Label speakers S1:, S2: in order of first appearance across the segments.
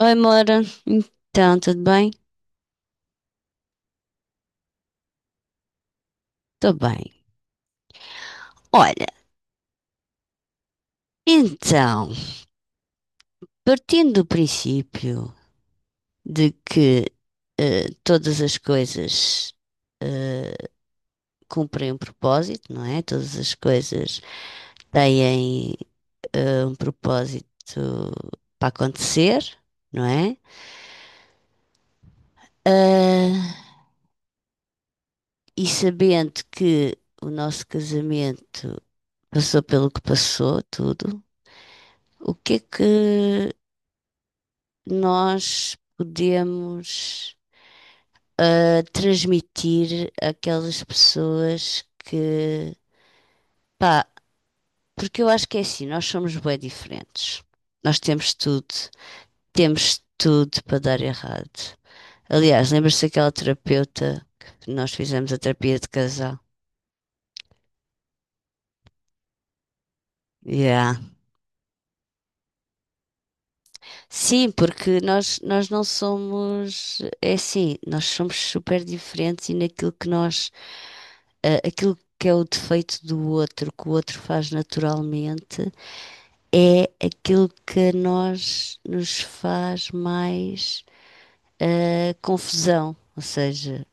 S1: Oi, Mora. Então, tudo bem? Estou bem. Olha, então, partindo do princípio de que todas as coisas eh, cumprem um propósito, não é? Todas as coisas têm um propósito para acontecer, não é? Ah, e sabendo que o nosso casamento passou pelo que passou, tudo, o que é que nós podemos transmitir àquelas pessoas que, pá, porque eu acho que é assim, nós somos bem diferentes. Nós temos tudo para dar errado. Aliás, lembra-se daquela terapeuta que nós fizemos a terapia de casal? Yeah. Sim, porque nós não somos, é assim, nós somos super diferentes e naquilo que nós aquilo que é o defeito do outro, que o outro faz naturalmente, é aquilo que a nós nos faz mais confusão. Ou seja,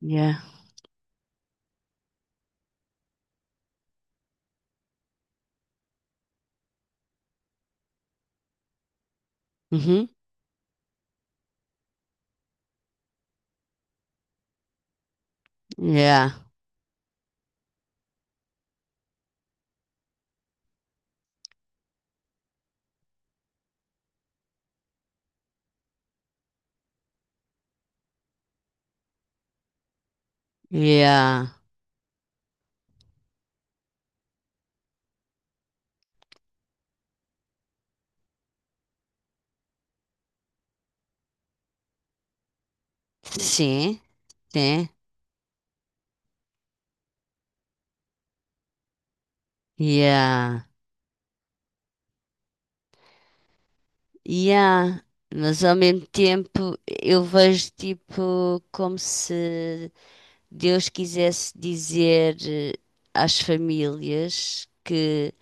S1: yeah, uhum, yeah, yeah, sim, sim, yeah, yeah. Mas ao mesmo tempo eu vejo tipo como se Deus quisesse dizer às famílias que,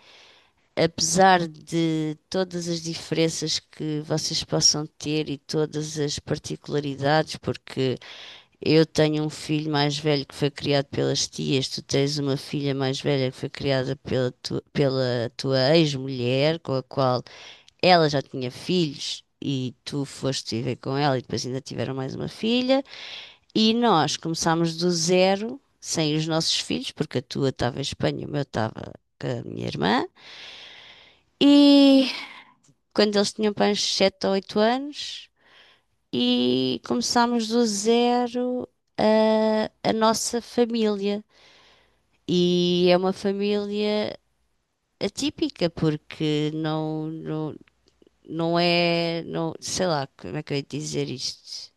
S1: apesar de todas as diferenças que vocês possam ter e todas as particularidades, porque eu tenho um filho mais velho que foi criado pelas tias, tu tens uma filha mais velha que foi criada pela tua ex-mulher, com a qual ela já tinha filhos. E tu foste viver com ela e depois ainda tiveram mais uma filha. E nós começámos do zero, sem os nossos filhos, porque a tua estava em Espanha, o meu estava com a minha irmã. E quando eles tinham para uns 7 ou 8 anos, e começámos do zero a nossa família. E é uma família atípica, porque não é, não, sei lá, como é que eu ia dizer isto?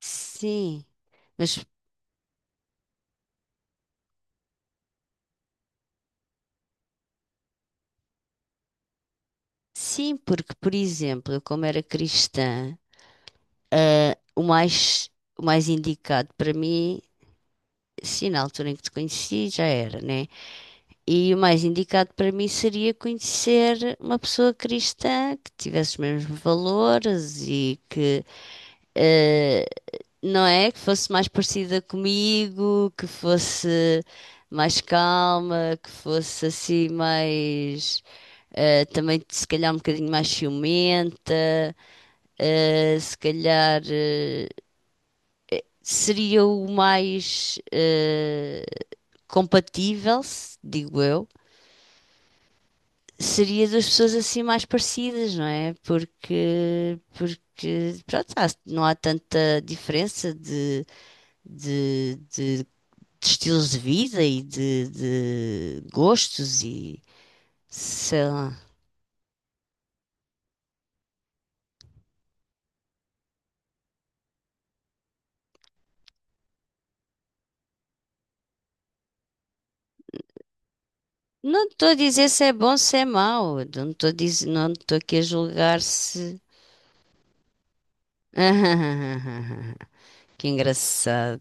S1: Sim, mas sim, porque, por exemplo, eu como era cristã, ah, o mais, o mais indicado para mim, sim, na altura em que te conheci, já era, né? E o mais indicado para mim seria conhecer uma pessoa cristã que tivesse os mesmos valores e que, eh, não é? Que fosse mais parecida comigo, que fosse mais calma, que fosse assim mais. Também se calhar um bocadinho mais ciumenta, eh, se calhar eh, seria o mais compatível, digo eu. Seria das pessoas assim mais parecidas, não é? Porque, porque pronto, não há tanta diferença de estilos de vida e de gostos e sei lá. Não estou a dizer se é bom, se é mau. Não estou a dizer, não estou aqui a julgar se. Que engraçado.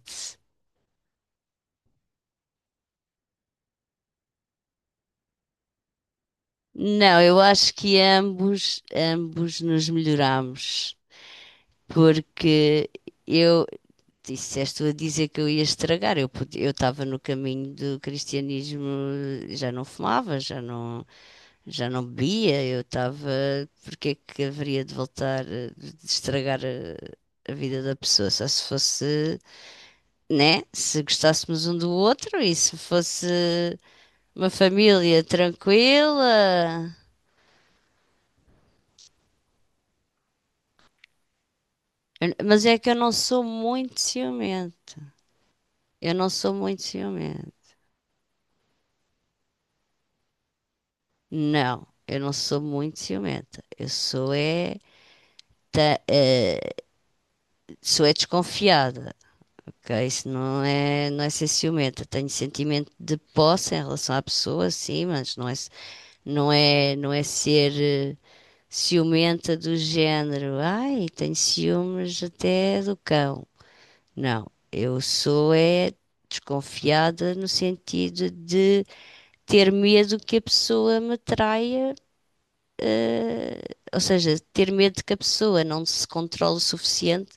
S1: Não, eu acho que ambos nos melhoramos, porque eu, disseste a dizer que eu ia estragar. Eu estava no caminho do cristianismo, já não fumava, já não bebia. Eu estava. Porque é que haveria de voltar a de estragar a vida da pessoa? Só se fosse, né? Se gostássemos um do outro e se fosse uma família tranquila. Eu- mas é que eu não sou muito ciumenta. Eu não sou muito ciumenta. Não, eu não sou muito ciumenta. Eu sou é tá, sou é desconfiada, ok? Não é ser ciumenta. Tenho sentimento de posse em relação à pessoa, sim, mas não é ser ciumenta do género. Ai, tenho ciúmes até do cão. Não, eu sou é desconfiada no sentido de ter medo que a pessoa me traia, eh, ou seja, ter medo que a pessoa não se controle o suficiente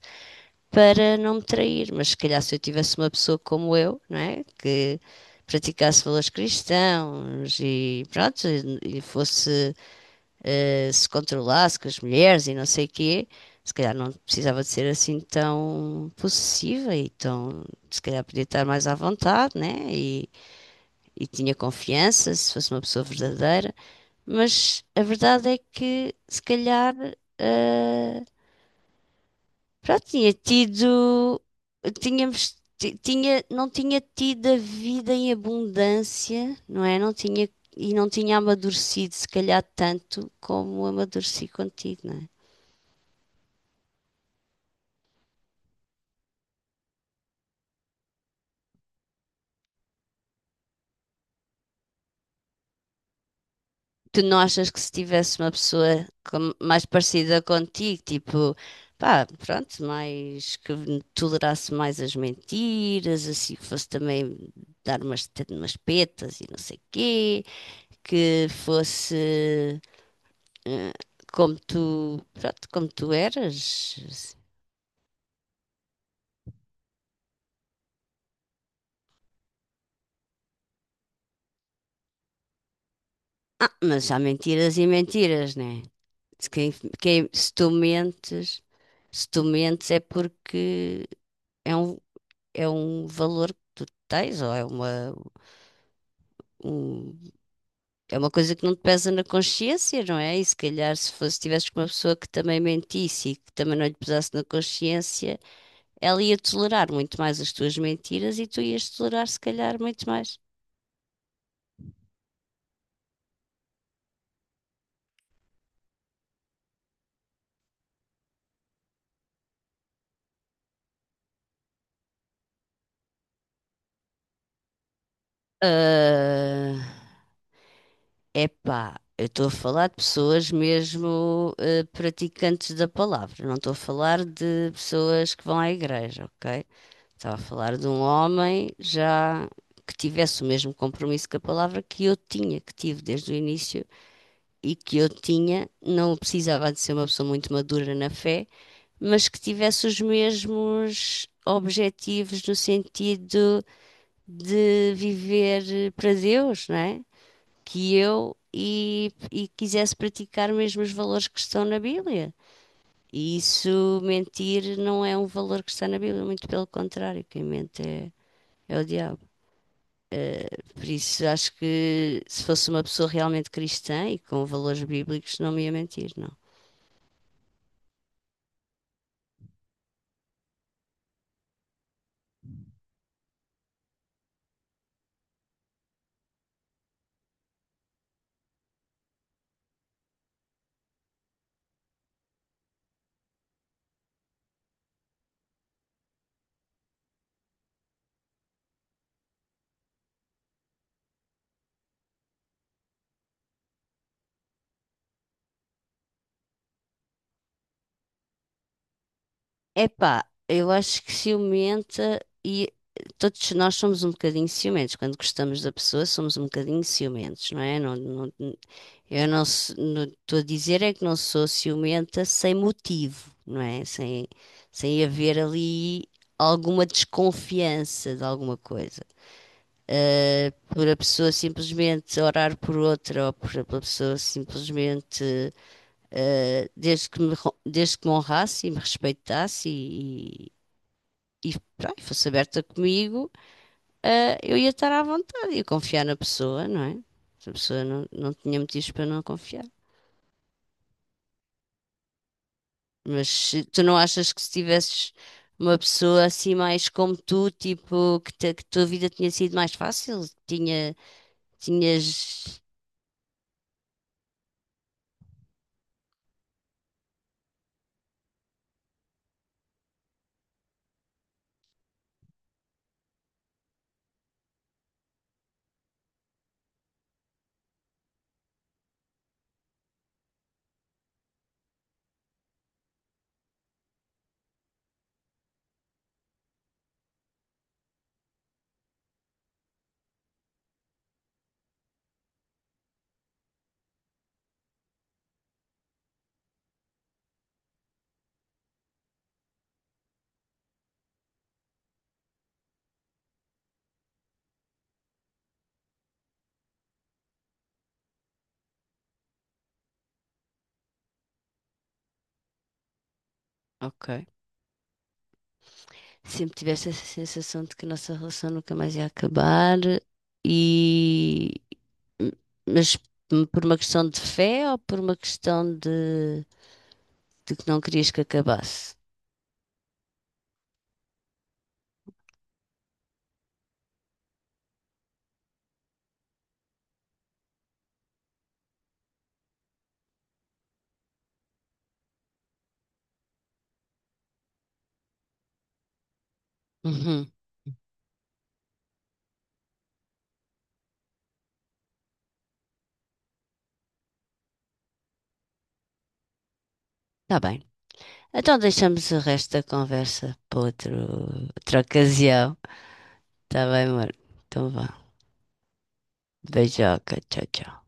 S1: para não me trair. Mas se calhar se eu tivesse uma pessoa como eu, não é? Que praticasse valores cristãos e pronto, e fosse, se controlasse com as mulheres e não sei o quê, se calhar não precisava de ser assim tão possessiva e tão, se calhar podia estar mais à vontade, né? E tinha confiança, se fosse uma pessoa verdadeira. Mas a verdade é que, se calhar, eh, pronto, tinha tido não tinha tido a vida em abundância, não é? Não tinha, e não tinha amadurecido, se calhar, tanto como amadureci contigo, não é? Tu não achas que se tivesse uma pessoa mais parecida contigo, tipo, pá, pronto, mais que tolerasse mais as mentiras, assim, que fosse também dar umas, umas petas e não sei quê, que fosse eh, como tu, pronto, como tu eras. Ah, mas há mentiras e mentiras, né? Se, quem, quem- se tu mentes, se tu mentes é porque é um, é um valor que tu tens, ou um- é uma coisa que não te pesa na consciência, não é? E se calhar se fosse, tivesses com uma pessoa que também mentisse e que também não lhe pesasse na consciência, ela ia tolerar muito mais as tuas mentiras e tu ias tolerar, se calhar, muito mais. Ah, epá, eu estou a falar de pessoas mesmo praticantes da palavra, não estou a falar de pessoas que vão à igreja, ok? Estava a falar de um homem já que tivesse o mesmo compromisso com a palavra que eu tinha, que tive desde o início e que eu tinha, não precisava de ser uma pessoa muito madura na fé, mas que tivesse os mesmos objetivos no sentido de viver para Deus, não é? Que eu e quisesse praticar mesmo os valores que estão na Bíblia. E isso, mentir, não é um valor que está na Bíblia, muito pelo contrário, quem mente é o diabo. Eh, por isso, acho que se fosse uma pessoa realmente cristã e com valores bíblicos, não me ia mentir, não. Epá, eu acho que ciumenta e todos nós somos um bocadinho ciumentos. Quando gostamos da pessoa, somos um bocadinho ciumentos, não é? Não, não, eu não estou a dizer é que não sou ciumenta sem motivo, não é? Sem, sem haver ali alguma desconfiança de alguma coisa. Ah, por a pessoa simplesmente orar por outra, ou por pela pessoa simplesmente, ah, desde que me honrasse e me respeitasse pá, e fosse aberta comigo, ah, eu ia estar à vontade, ia confiar na pessoa, não é? Se a pessoa não, não tinha motivos para não confiar. Mas se- tu não achas que se tivesses uma pessoa assim mais como tu, tipo, que a tua vida tinha sido mais fácil? Tinha, tinhas... Ok. Sempre tiveste essa sensação de que a nossa relação nunca mais ia acabar e... Mas por uma questão de fé ou por uma questão de que não querias que acabasse? Uhum. Tá bem. Então deixamos o resto da conversa para outra ocasião. Tá bem, amor. Então vá. Beijoca. Tchau, tchau.